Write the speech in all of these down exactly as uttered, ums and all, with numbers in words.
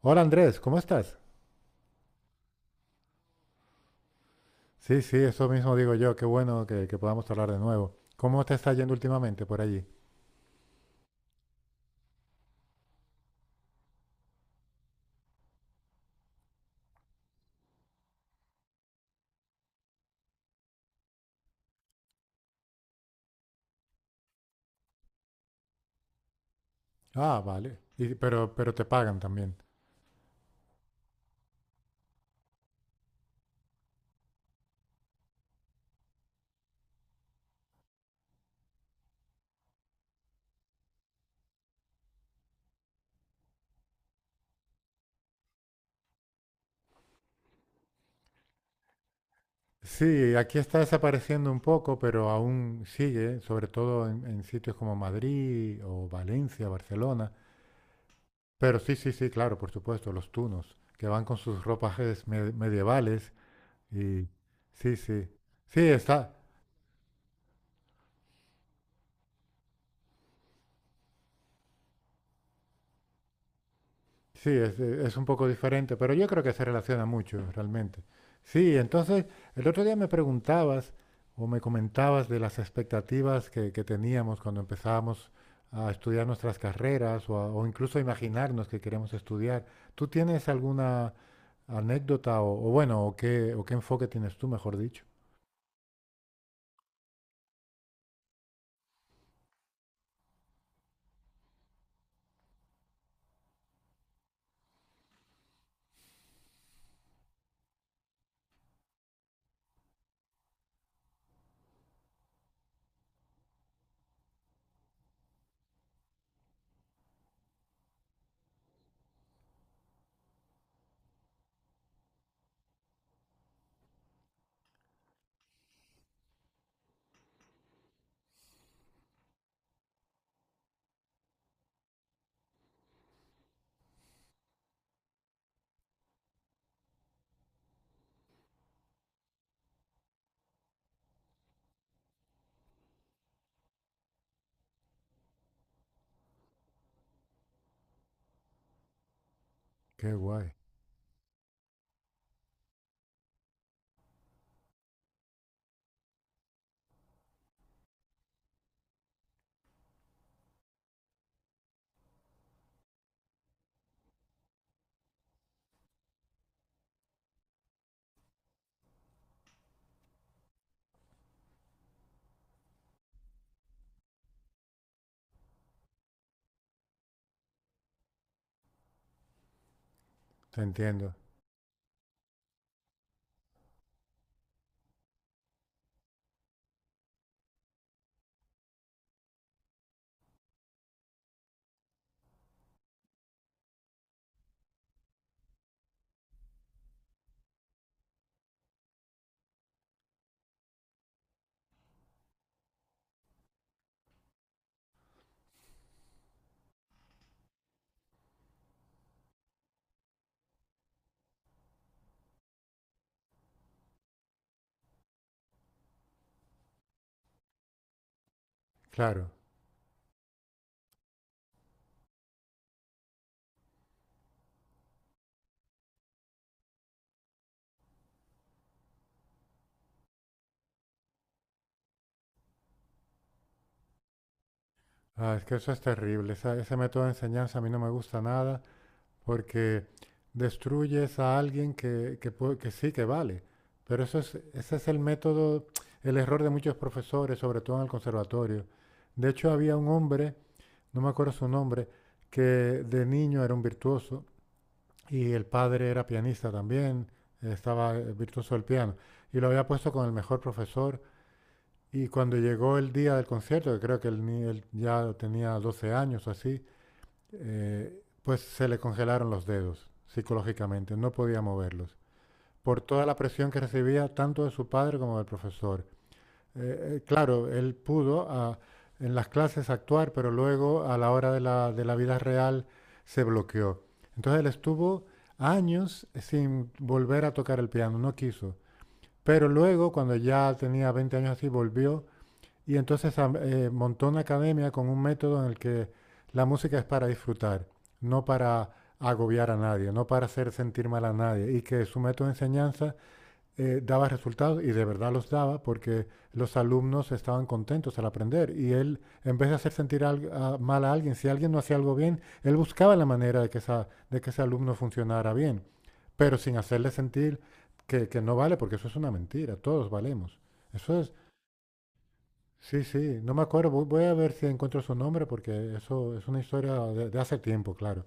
Hola Andrés, ¿cómo estás? Sí, sí, eso mismo digo yo, qué bueno que, que podamos hablar de nuevo. ¿Cómo te está yendo últimamente por allí? Ah, vale. Y- pero, pero te pagan también. Sí, aquí está desapareciendo un poco, pero aún sigue, sobre todo en, en sitios como Madrid o Valencia, Barcelona. Pero sí, sí, sí, claro, por supuesto, los tunos, que van con sus ropajes me- medievales y sí, sí. Sí, está. Sí, es, es un poco diferente, pero yo creo que se relaciona mucho realmente. Sí, entonces el otro día me preguntabas o me comentabas de las expectativas que, que teníamos cuando empezábamos a estudiar nuestras carreras o, a- o incluso a imaginarnos que queremos estudiar. ¿Tú tienes alguna anécdota o, o bueno, o qué, o qué enfoque tienes tú, mejor dicho? Qué guay, te entiendo. Claro. Ah, es que eso es terrible. Esa- ese método de enseñanza a mí no me gusta nada, porque destruyes a alguien que, que pue- que sí que vale. Pero eso es, ese es el método, el error de muchos profesores, sobre todo en el conservatorio. De hecho, había un hombre, no me acuerdo su nombre, que de niño era un virtuoso y el padre era pianista también, estaba eh, virtuoso del piano, y lo había puesto con el mejor profesor. Y cuando llegó el día del concierto, que creo que el ni- él ya tenía doce años o así, eh, pues se le congelaron los dedos psicológicamente, no podía moverlos, por toda la presión que recibía tanto de su padre como del profesor. Eh, eh, claro, él pudo a, en las clases actuar, pero luego a la hora de la, de la, vida real se bloqueó. Entonces él estuvo años sin volver a tocar el piano, no quiso. Pero luego, cuando ya tenía veinte años así, volvió y entonces am- eh, montó una academia con un método en el que la música es para disfrutar, no para agobiar a nadie, no para hacer sentir mal a nadie. Y que su método de enseñanza eh, daba resultados y de verdad los daba porque los alumnos estaban contentos al aprender. Y él, en vez de hacer sentir al- a- mal a alguien, si alguien no hacía algo bien, él buscaba la manera de que, esa- de que ese alumno funcionara bien, pero sin hacerle sentir que, que no vale, porque eso es una mentira, todos valemos. Eso es. Sí, sí, no me acuerdo. Voy voy a ver si encuentro su nombre porque eso es una historia de, de hace tiempo, claro.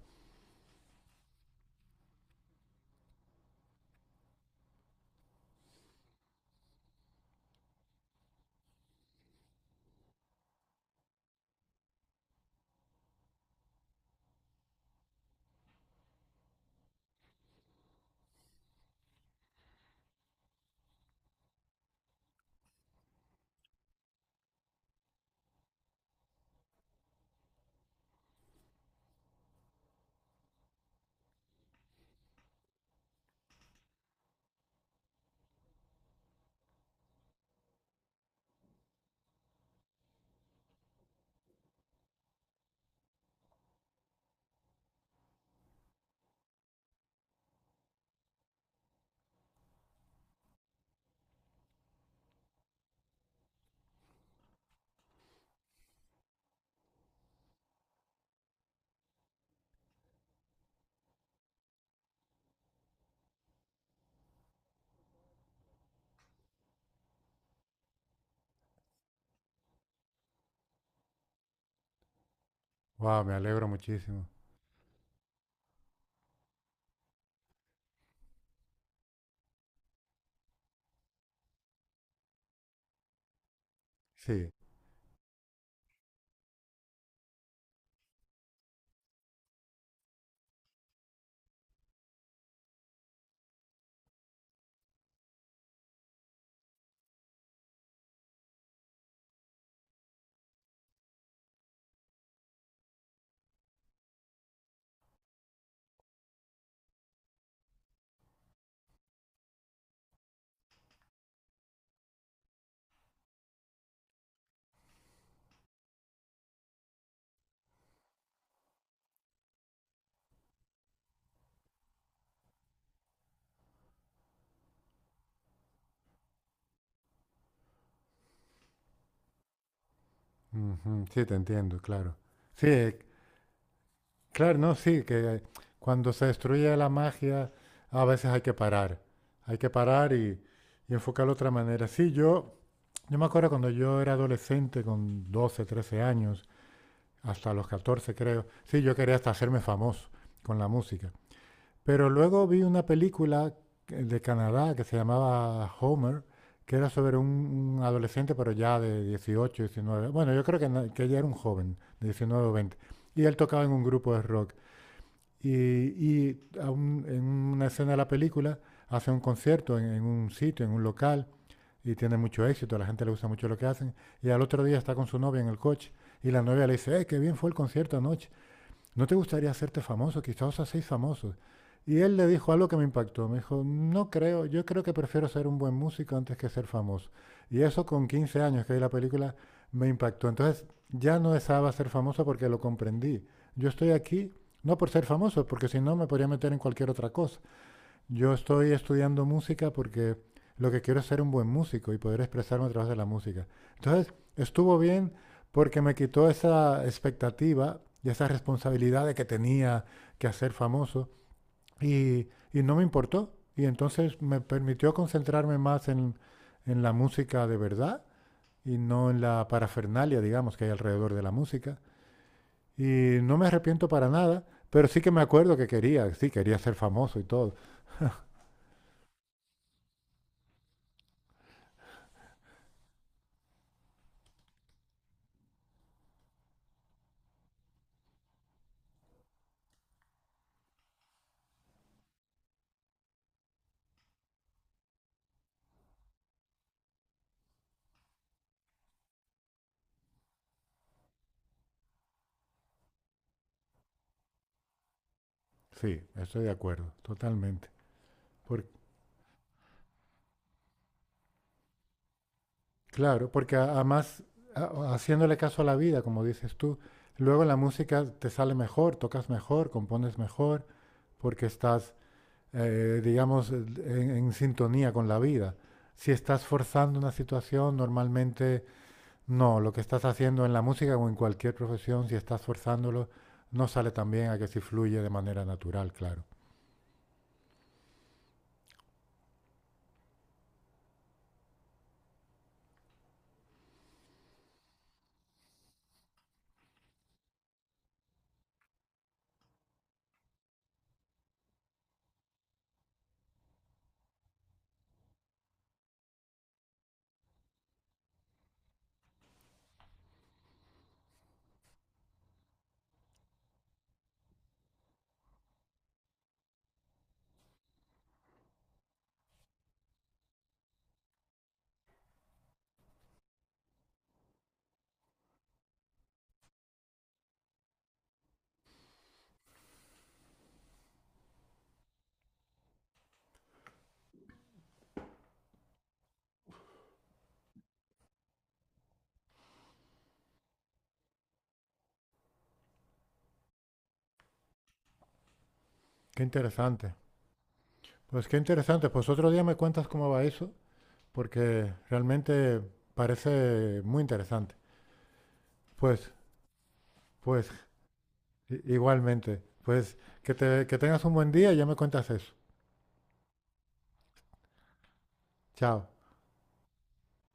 Wow, me alegro muchísimo. Sí, ujú, sí, te entiendo, claro. Sí, eh, claro, no, sí, que cuando se destruye la magia, a veces hay que parar. Hay que parar y, y, enfocarlo de otra manera. Sí, yo, yo me acuerdo cuando yo era adolescente, con doce, trece años, hasta los catorce creo. Sí, yo quería hasta hacerme famoso con la música. Pero luego vi una película que- de Canadá que se llamaba Homer, que era sobre un, un adolescente, pero ya de dieciocho, diecinueve. Bueno, yo creo que, no- que ella era un joven, de diecinueve o veinte. Y él tocaba en un grupo de rock. Y, y a un- en una escena de la película hace un concierto en, en un sitio, en un local, y tiene mucho éxito, a la gente le gusta mucho lo que hacen. Y al otro día está con su novia en el coche y la novia le dice, ¡eh, qué bien fue el concierto anoche! ¿No te gustaría hacerte famoso? Quizás os hacéis famosos. Y él le dijo algo que me impactó. Me dijo, no creo, yo creo que prefiero ser un buen músico antes que ser famoso. Y eso con quince años que vi la película me impactó. Entonces ya no deseaba ser famoso porque lo comprendí. Yo estoy aquí no por ser famoso, porque si no me podría meter en cualquier otra cosa. Yo estoy estudiando música porque lo que quiero es ser un buen músico y poder expresarme a través de la música. Entonces, estuvo bien porque me quitó esa expectativa y esa responsabilidad de que tenía que hacer famoso y, y, no me importó. Y entonces me permitió concentrarme más en, en la música de verdad y no en la parafernalia, digamos, que hay alrededor de la música. Y no me arrepiento para nada, pero sí que me acuerdo que quería, sí, quería ser famoso y todo. Sí, estoy de acuerdo, totalmente. Por- claro, porque a- además, a- haciéndole caso a la vida, como dices tú, luego la música te sale mejor, tocas mejor, compones mejor, porque estás, eh, digamos, en, en sintonía con la vida. Si estás forzando una situación, normalmente no. Lo que estás haciendo en la música o en cualquier profesión, si estás forzándolo, no sale tan bien a que si fluye de manera natural, claro. Qué interesante. Pues qué interesante. Pues otro día me cuentas cómo va eso, porque realmente parece muy interesante. Pues, pues, i- igualmente, pues que te- que tengas un buen día y ya me cuentas eso. Chao.